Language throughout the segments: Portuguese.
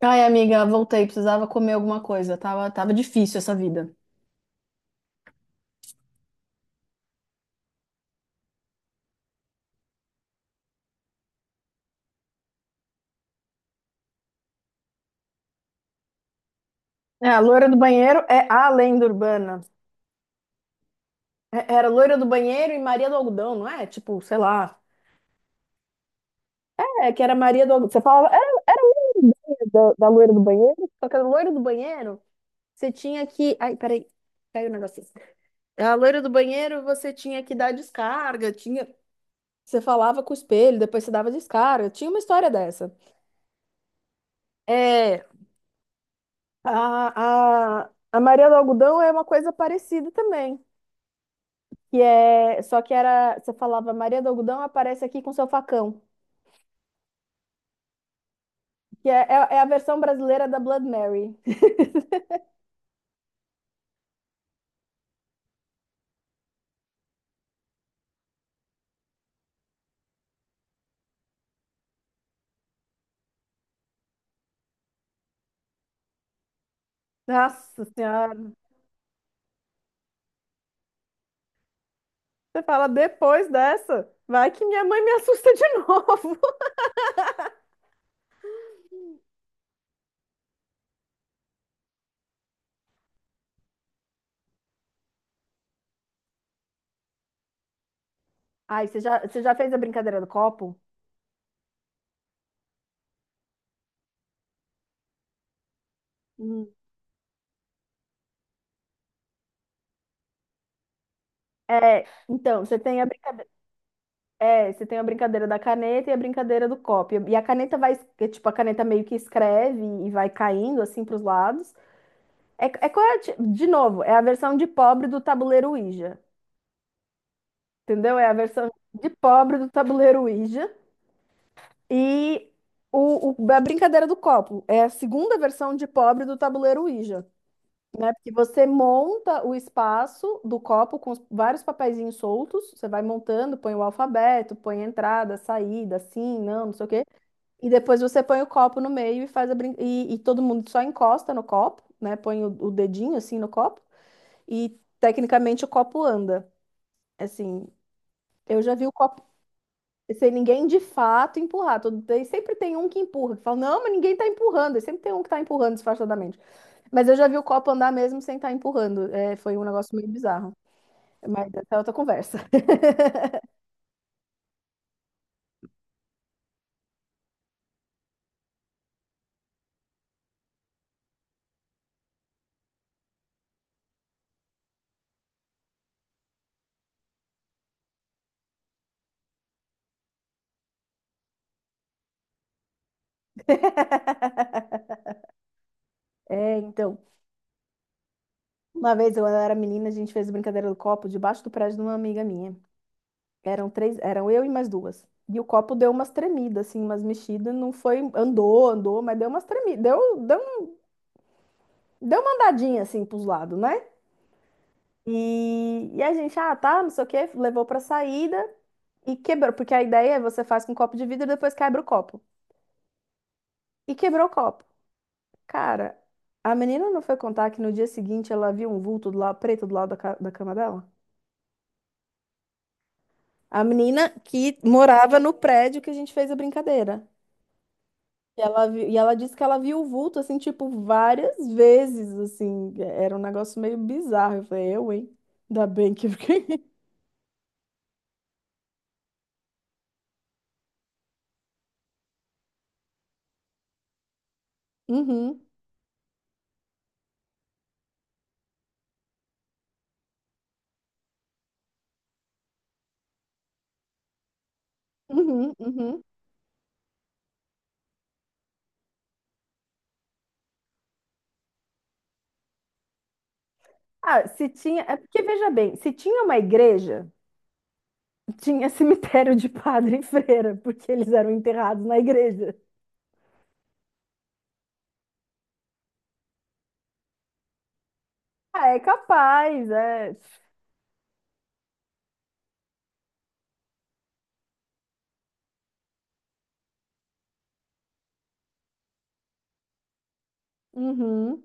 Ai, amiga, voltei. Precisava comer alguma coisa. Tava difícil essa vida. É, a loira do banheiro é a lenda urbana. Era loira do banheiro e Maria do Algodão, não é? Tipo, sei lá. É, que era Maria do Algodão. Você falava, era a mesma ideia da loira do banheiro, só que a loira do banheiro, você tinha que. Ai, peraí, caiu o negocinho. A loira do banheiro, você tinha que dar descarga, tinha. Você falava com o espelho, depois você dava descarga. Tinha uma história dessa. É, a Maria do Algodão é uma coisa parecida também, que é, só que era, você falava Maria do Algodão aparece aqui com seu facão, que é, é a versão brasileira da Blood Mary. Nossa Senhora, você fala depois dessa, vai que minha mãe me assusta de novo. Ai, você já fez a brincadeira do copo? Hum. É, então, você tem a brincadeira, é, você tem a brincadeira da caneta e a brincadeira do copo. E a caneta vai, é, tipo, a caneta meio que escreve e vai caindo assim para os lados. É, é qual é a de novo, é a versão de pobre do tabuleiro Ouija, entendeu? É a versão de pobre do tabuleiro Ouija e a brincadeira do copo é a segunda versão de pobre do tabuleiro Ouija, né? Porque você monta o espaço do copo com vários papeizinhos soltos, você vai montando, põe o alfabeto, põe a entrada, a saída, sim, não, não sei o quê. E depois você põe o copo no meio e faz a brin... e todo mundo só encosta no copo, né? Põe o dedinho assim no copo. E tecnicamente o copo anda. Assim, eu já vi o copo sem ninguém de fato empurrar. Todo, sempre tem um que empurra, que fala, não, mas ninguém tá empurrando. E sempre tem um que tá empurrando disfarçadamente. Mas eu já vi o copo andar mesmo sem estar empurrando. É, foi um negócio meio bizarro. Mas essa é outra conversa. É, então, uma vez eu era menina, a gente fez a brincadeira do copo debaixo do prédio de uma amiga minha. Eram três, eram eu e mais duas. E o copo deu umas tremidas, assim, umas mexidas. Não foi, andou, andou, mas deu umas tremidas. Deu deu uma andadinha assim pros lados, né? E a gente, ah, tá, não sei o quê, levou pra saída e quebrou, porque a ideia é você faz com um copo de vidro e depois quebra o copo. E quebrou o copo. Cara, a menina não foi contar que no dia seguinte ela viu um vulto do lado, preto do lado da, da cama dela? A menina que morava no prédio que a gente fez a brincadeira. E ela, e ela disse que ela viu o vulto, assim, tipo, várias vezes, assim. Era um negócio meio bizarro. Eu falei, eu, hein? Ainda bem que eu fiquei. Uhum, uhum. Ah, se tinha. É porque, veja bem, se tinha uma igreja, tinha cemitério de padre e freira, porque eles eram enterrados na igreja. Ah, é capaz, é. Uhum,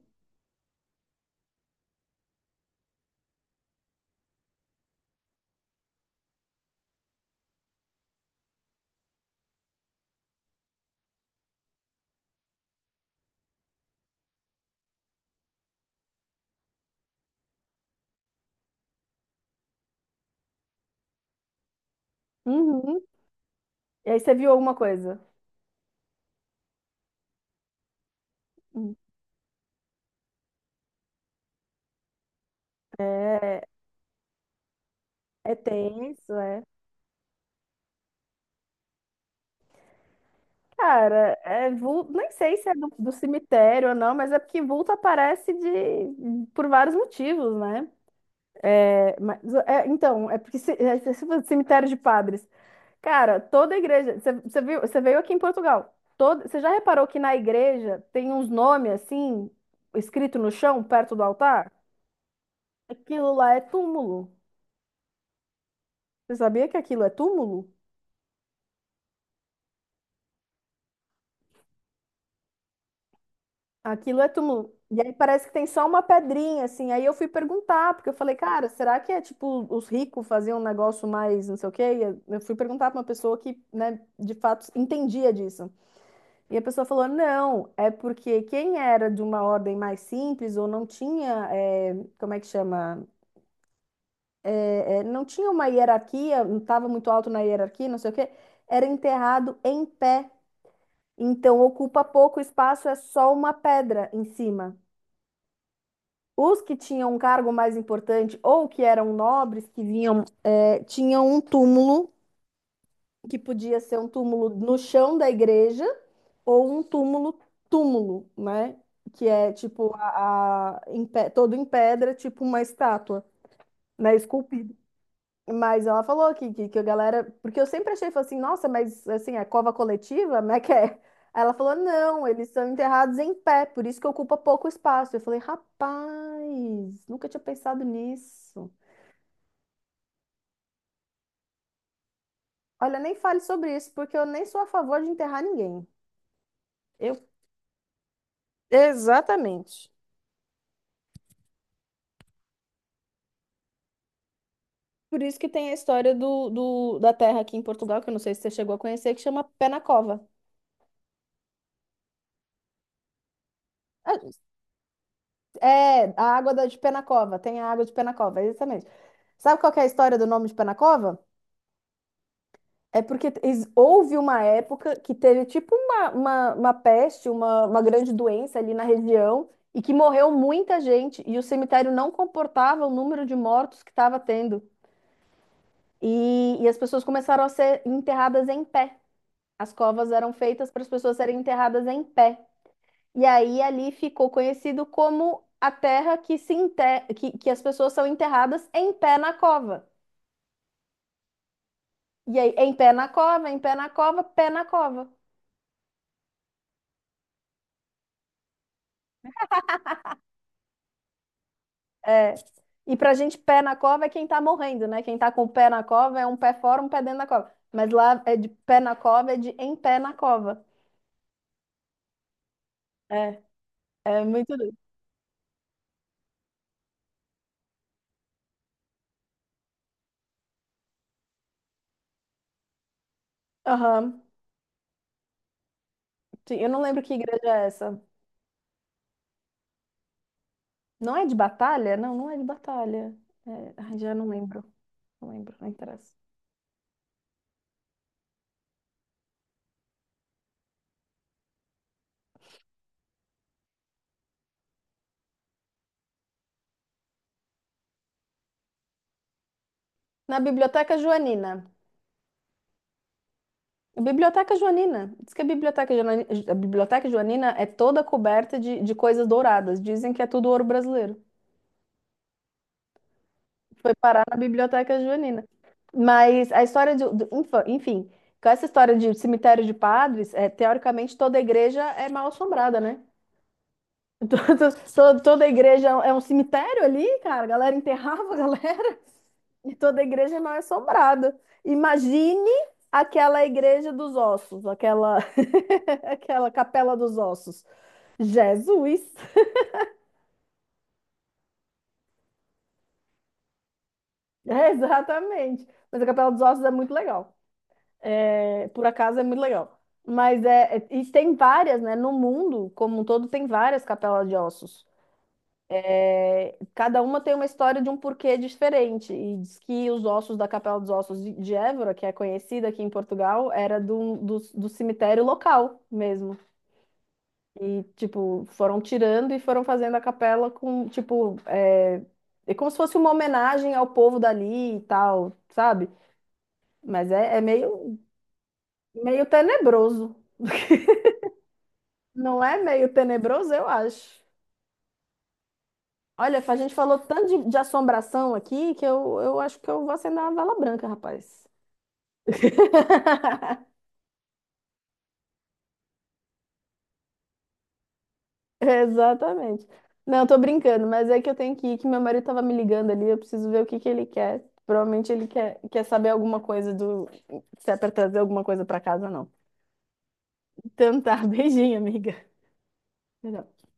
uhum. E aí você viu alguma coisa? Hum. É, é tenso, é. Cara, é nem sei se é do cemitério ou não, mas é porque vulto aparece de, por vários motivos, né? É, mas, é, então, é porque se, é, se for cemitério de padres, cara, toda igreja. Você viu, você veio aqui em Portugal. Toda, você já reparou que na igreja tem uns nomes assim, escrito no chão, perto do altar? Aquilo lá é túmulo. Você sabia que aquilo é túmulo? Aquilo é túmulo. E aí parece que tem só uma pedrinha, assim. Aí eu fui perguntar, porque eu falei, cara, será que é tipo os ricos faziam um negócio mais não sei o quê? E eu fui perguntar pra uma pessoa que, né, de fato entendia disso. E a pessoa falou: não, é porque quem era de uma ordem mais simples ou não tinha, como é que chama? Não tinha uma hierarquia, não estava muito alto na hierarquia, não sei o quê, era enterrado em pé. Então ocupa pouco espaço, é só uma pedra em cima. Os que tinham um cargo mais importante ou que eram nobres, que vinham, tinham um túmulo que podia ser um túmulo no chão da igreja ou um túmulo túmulo, né? Que é tipo em todo em pedra, tipo uma estátua, né? Esculpida. Mas ela falou que a galera. Porque eu sempre achei, falei assim, nossa, mas assim, é cova coletiva? Como é que é? Aí ela falou, não, eles são enterrados em pé, por isso que ocupa pouco espaço. Eu falei, rapaz, nunca tinha pensado nisso. Olha, nem fale sobre isso, porque eu nem sou a favor de enterrar ninguém. Eu Exatamente. Por isso que tem a história do, da terra aqui em Portugal, que eu não sei se você chegou a conhecer, que chama Pé na Cova. Ah, é, a água de Pé na Cova, tem a água de Pé na Cova, é exatamente. Sabe qual que é a história do nome de Pé na Cova? É porque houve uma época que teve tipo uma peste, uma grande doença ali na região, e que morreu muita gente, e o cemitério não comportava o número de mortos que estava tendo. E as pessoas começaram a ser enterradas em pé. As covas eram feitas para as pessoas serem enterradas em pé. E aí ali ficou conhecido como a terra que se enter... que as pessoas são enterradas em pé na cova. E aí, em pé na cova, em pé na cova, pé na cova. É. E pra gente, pé na cova é quem tá morrendo, né? Quem tá com o pé na cova é um pé fora, um pé dentro da cova. Mas lá é de pé na cova, é de em pé na cova. É, é muito doido. Aham. Sim, eu não lembro que igreja é essa. Não é de batalha? Não, não é de batalha. É, ai, já não lembro. Não lembro, não interessa. Na Biblioteca Joanina. A Biblioteca Joanina. Diz que a Biblioteca Joanina é toda coberta de coisas douradas. Dizem que é tudo ouro brasileiro. Foi parar na Biblioteca Joanina. Mas a história de, infa- enfim, com essa história de cemitério de padres, é, teoricamente toda igreja é mal assombrada, né? Toda, toda igreja é um cemitério ali, cara. A galera enterrava a galera e toda igreja é mal assombrada. Imagine aquela igreja dos ossos, aquela, aquela capela dos ossos. Jesus! É, exatamente. Mas a Capela dos Ossos é muito legal. É, por acaso é muito legal. Mas é, e tem várias, né? No mundo, como um todo, tem várias capelas de ossos. É, cada uma tem uma história de um porquê diferente. E diz que os ossos da Capela dos Ossos de Évora, que é conhecida aqui em Portugal, era do, do cemitério local mesmo. E, tipo, foram tirando e foram fazendo a capela com, tipo, é, é como se fosse uma homenagem ao povo dali e tal, sabe? Mas é, é meio, meio tenebroso. Não é meio tenebroso, eu acho. Olha, a gente falou tanto de assombração aqui que eu acho que eu vou acender uma vela branca, rapaz. Exatamente. Não, tô brincando, mas é que eu tenho que ir, que meu marido tava me ligando ali, eu preciso ver o que que ele quer. Provavelmente ele quer saber alguma coisa do, se é pra trazer alguma coisa pra casa ou não. Então tá, beijinho, amiga. Tchau.